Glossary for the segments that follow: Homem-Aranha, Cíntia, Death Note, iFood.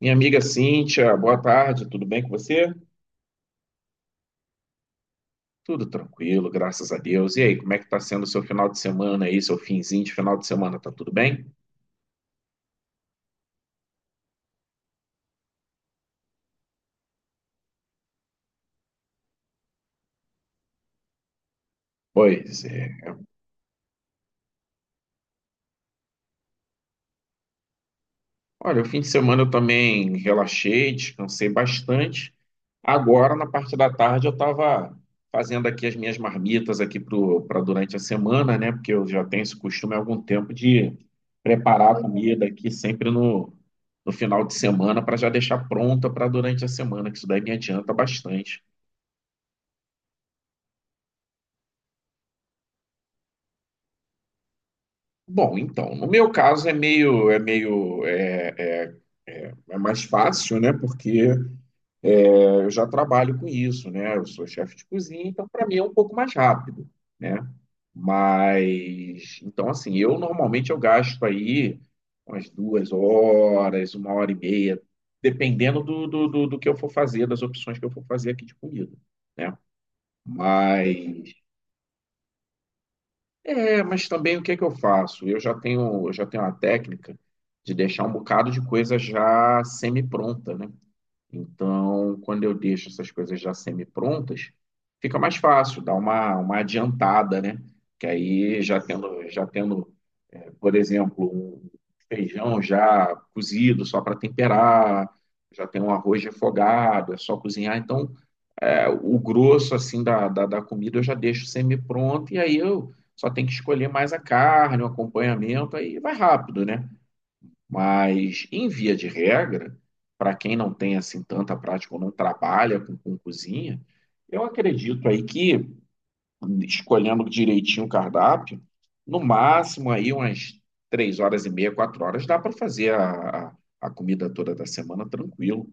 Minha amiga Cíntia, boa tarde, tudo bem com você? Tudo tranquilo, graças a Deus. E aí, como é que tá sendo o seu final de semana aí, seu finzinho de final de semana, tá tudo bem? Pois é. Olha, o fim de semana eu também relaxei, descansei bastante. Agora, na parte da tarde, eu estava fazendo aqui as minhas marmitas aqui para durante a semana, né? Porque eu já tenho esse costume há algum tempo de preparar a comida aqui sempre no final de semana para já deixar pronta para durante a semana, que isso daí me adianta bastante. Bom, então, no meu caso é meio, é mais fácil, né? Porque eu já trabalho com isso, né? Eu sou chefe de cozinha, então para mim é um pouco mais rápido, né? Mas então assim, eu normalmente eu gasto aí umas 2 horas, 1 hora e meia, dependendo do que eu for fazer, das opções que eu for fazer aqui de comida, né? Mas mas também o que é que eu faço? Eu já tenho uma técnica de deixar um bocado de coisa já semi-pronta, né? Então, quando eu deixo essas coisas já semi-prontas, fica mais fácil, dá uma adiantada, né? Que aí já tendo, por exemplo, um feijão já cozido só para temperar, já tem um arroz refogado, é só cozinhar. Então, o grosso assim da comida eu já deixo semi-pronto e aí eu só tenho que escolher mais a carne, o acompanhamento, aí vai rápido, né? Mas, em via de regra, para quem não tem assim tanta prática ou não trabalha com cozinha, eu acredito aí que, escolhendo direitinho o cardápio, no máximo aí umas 3 horas e meia, 4 horas, dá para fazer a comida toda da semana tranquilo.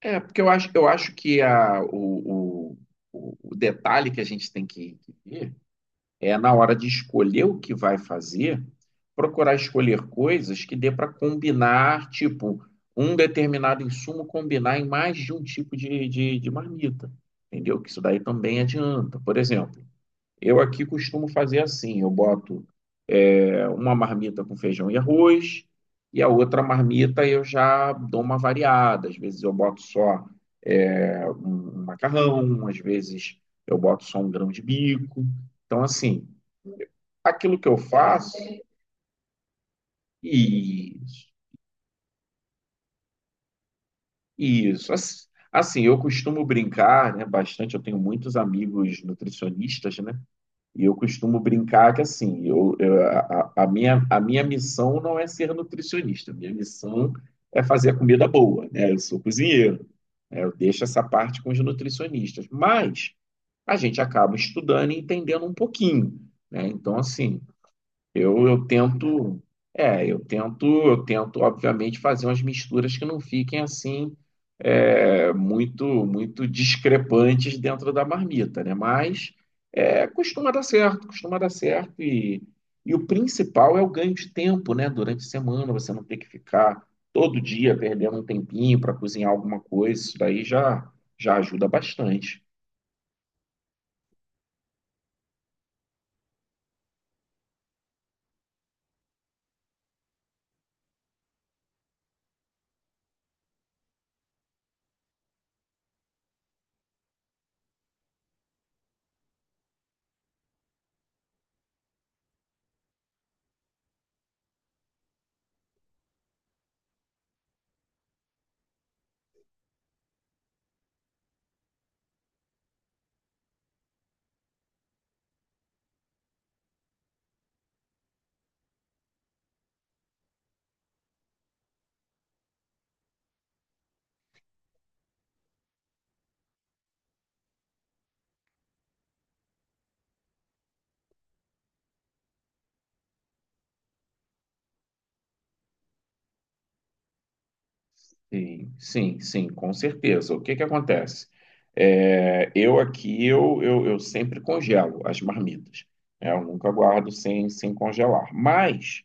Porque eu acho que a, o detalhe que a gente tem que ver é na hora de escolher o que vai fazer, procurar escolher coisas que dê para combinar, tipo, um determinado insumo combinar em mais de um tipo de marmita, entendeu? Que isso daí também adianta. Por exemplo, eu aqui costumo fazer assim, eu boto uma marmita com feijão e arroz, e a outra marmita eu já dou uma variada. Às vezes eu boto só um macarrão, às vezes eu boto só um grão de bico. Então, assim, aquilo que eu faço. Isso, isso. Assim, eu costumo brincar, né, bastante. Eu tenho muitos amigos nutricionistas, né? E eu costumo brincar que, assim, a minha missão não é ser nutricionista. A minha missão é fazer a comida boa, né? Eu sou cozinheiro, né? Eu deixo essa parte com os nutricionistas. Mas a gente acaba estudando e entendendo um pouquinho, né? Então, assim. Eu tento, é, eu tento, obviamente, fazer umas misturas que não fiquem assim muito, muito discrepantes dentro da marmita, né? Mas costuma dar certo e o principal é o ganho de tempo, né? Durante a semana você não ter que ficar todo dia perdendo um tempinho para cozinhar alguma coisa, isso daí já ajuda bastante. Sim, sim, sim, com certeza. O que que acontece? É, eu aqui, eu sempre congelo as marmitas. Né? Eu nunca guardo sem congelar. Mas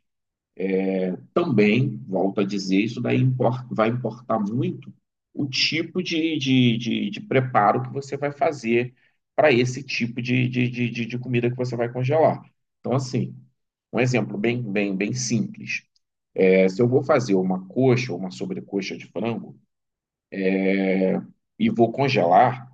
também, volto a dizer, isso daí vai importar muito o tipo de preparo que você vai fazer para esse tipo de comida que você vai congelar. Então, assim, um exemplo bem simples. Se eu vou fazer uma coxa ou uma sobrecoxa de frango, e vou congelar,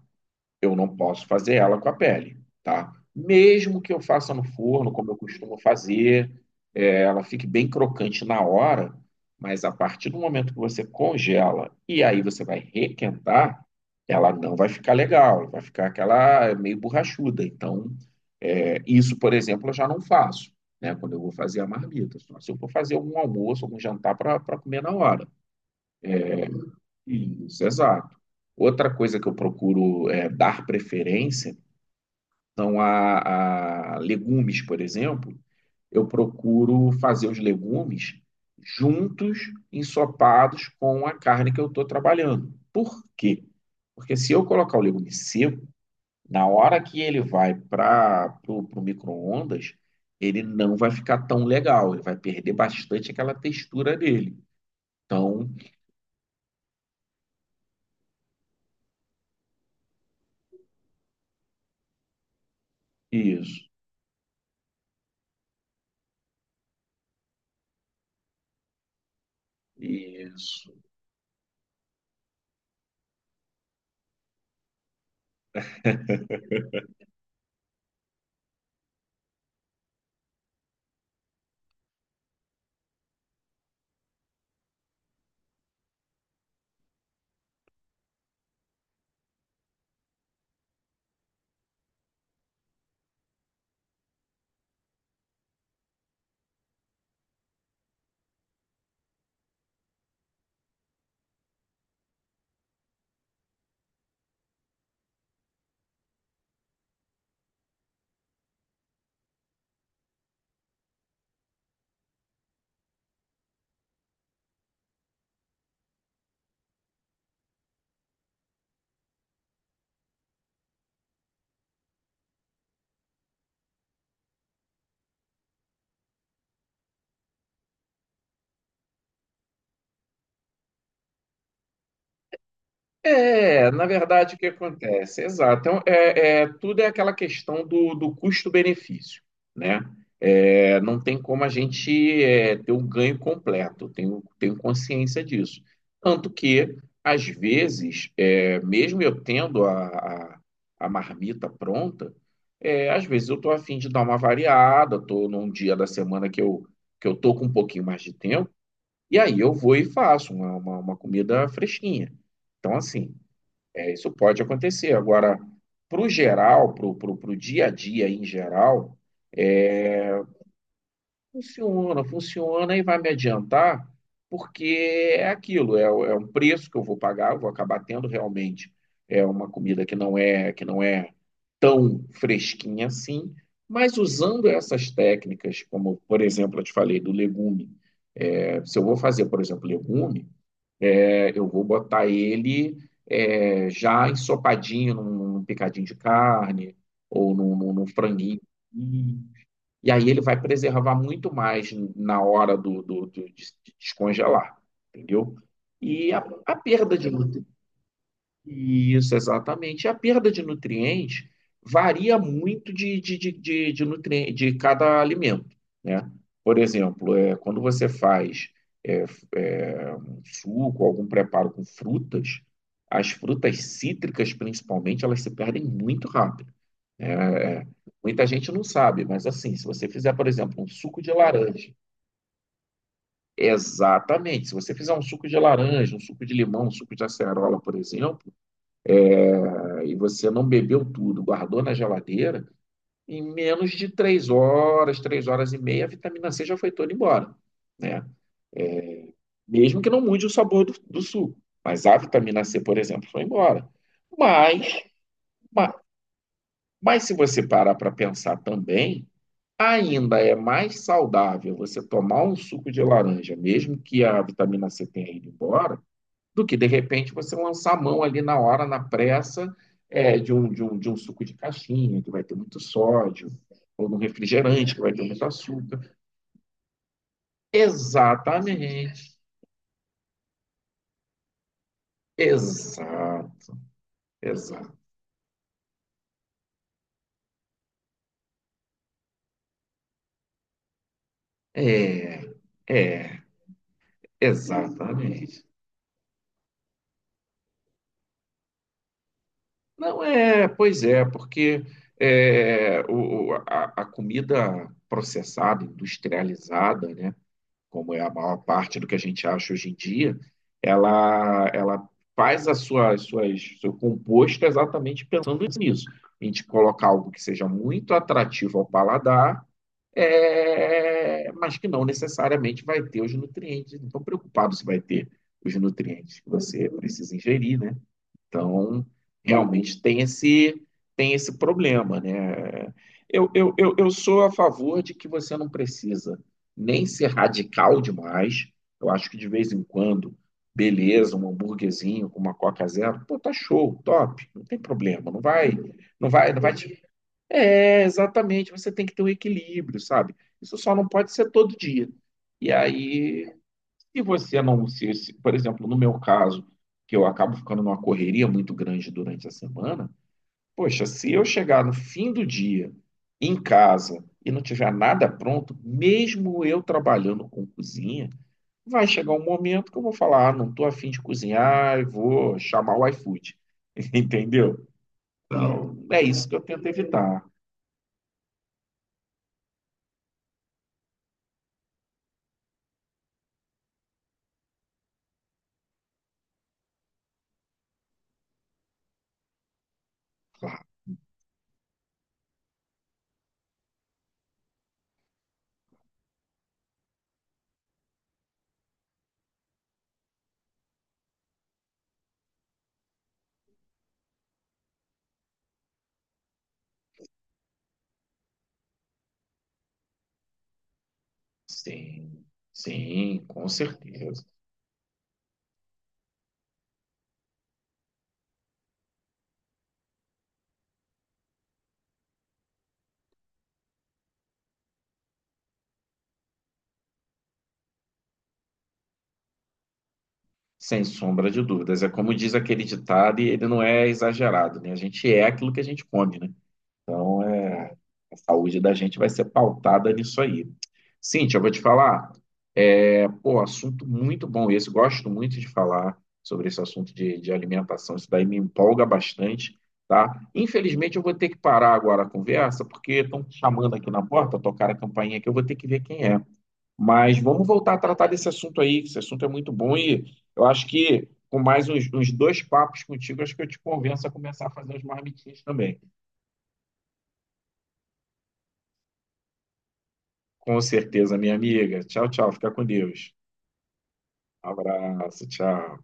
eu não posso fazer ela com a pele, tá? Mesmo que eu faça no forno, como eu costumo fazer, ela fique bem crocante na hora, mas a partir do momento que você congela e aí você vai requentar, ela não vai ficar legal, vai ficar aquela meio borrachuda. Então, isso, por exemplo, eu já não faço, né? Quando eu vou fazer a marmita, só se eu for fazer algum almoço, algum jantar para comer na hora. Isso, exato. Outra coisa que eu procuro é dar preferência são a legumes, por exemplo. Eu procuro fazer os legumes juntos, ensopados com a carne que eu estou trabalhando. Por quê? Porque se eu colocar o legume seco, na hora que ele vai para o micro-ondas, ele não vai ficar tão legal, ele vai perder bastante aquela textura dele. Então, isso, isso. É, na verdade, o que acontece? Exato. Então, tudo é aquela questão do custo-benefício, né? Não tem como a gente ter um ganho completo, tenho consciência disso. Tanto que, às vezes, mesmo eu tendo a, a marmita pronta, às vezes eu estou a fim de dar uma variada, estou num dia da semana que eu estou com um pouquinho mais de tempo, e aí eu vou e faço uma comida fresquinha. Então, assim. Isso pode acontecer. Agora, para o geral, para o dia a dia em geral, é, funciona, funciona e vai me adiantar, porque é aquilo, é um preço que eu vou pagar, eu vou acabar tendo realmente é uma comida que não é tão fresquinha assim, mas usando essas técnicas, como por exemplo, eu te falei do legume, se eu vou fazer, por exemplo, legume eu vou botar ele, já ensopadinho num picadinho de carne ou num franguinho. E aí ele vai preservar muito mais na hora de descongelar, entendeu? E a perda de, nu- Isso, exatamente. E a perda de nutrientes varia muito de cada alimento, né? Por exemplo, quando você faz um suco, algum preparo com frutas, as frutas cítricas, principalmente, elas se perdem muito rápido. Né? Muita gente não sabe, mas assim, se você fizer, por exemplo, um suco de laranja, exatamente, se você fizer um suco de laranja, um suco de limão, um suco de acerola, por exemplo, aí você não bebeu tudo, guardou na geladeira, em menos de 3 horas, 3 horas e meia, a vitamina C já foi toda embora, né? Mesmo que não mude o sabor do suco. Mas a vitamina C, por exemplo, foi embora. Mas, ma- mas se você parar para pensar também, ainda é mais saudável você tomar um suco de laranja, mesmo que a vitamina C tenha ido embora, do que de repente você lançar a mão ali na hora, na pressa, de um suco de caixinha, que vai ter muito sódio, ou num refrigerante, que vai ter muito açúcar. Exatamente. Exato. Exato. É, é, exatamente. Não é, pois é, porque a comida processada, industrializada, né? Como é a maior parte do que a gente acha hoje em dia, ela faz as suas, suas, seu composto exatamente pensando nisso. A gente colocar algo que seja muito atrativo ao paladar, mas que não necessariamente vai ter os nutrientes. Não estou preocupado se vai ter os nutrientes que você precisa ingerir, né? Então, realmente tem esse problema, né? Eu sou a favor de que você não precisa nem ser radical demais. Eu acho que de vez em quando, beleza, um hambúrguerzinho com uma Coca Zero, pô, tá show, top, não tem problema, não vai, não vai, não vai te. Exatamente, você tem que ter um equilíbrio, sabe? Isso só não pode ser todo dia. E aí se você não por exemplo, no meu caso, que eu acabo ficando numa correria muito grande durante a semana, poxa, se eu chegar no fim do dia em casa e não tiver nada pronto, mesmo eu trabalhando com cozinha, vai chegar um momento que eu vou falar, ah, não estou afim de cozinhar e vou chamar o iFood, entendeu? Tá. Então, é isso que eu tento evitar. Sim, sim, com certeza. Sem sombra de dúvidas. É como diz aquele ditado, e ele não é exagerado, né? A gente é aquilo que a gente come, né? Então, a saúde da gente vai ser pautada nisso aí. Cíntia, eu vou te falar. Pô, assunto muito bom esse. Gosto muito de falar sobre esse assunto de alimentação. Isso daí me empolga bastante, tá? Infelizmente, eu vou ter que parar agora a conversa, porque estão chamando aqui na porta, tocar a campainha aqui, eu vou ter que ver quem é. Mas vamos voltar a tratar desse assunto aí, que esse assunto é muito bom e eu acho que com mais uns dois papos contigo, acho que eu te convenço a começar a fazer os marmitinhas também. Com certeza, minha amiga. Tchau, tchau. Fica com Deus. Abraço, tchau.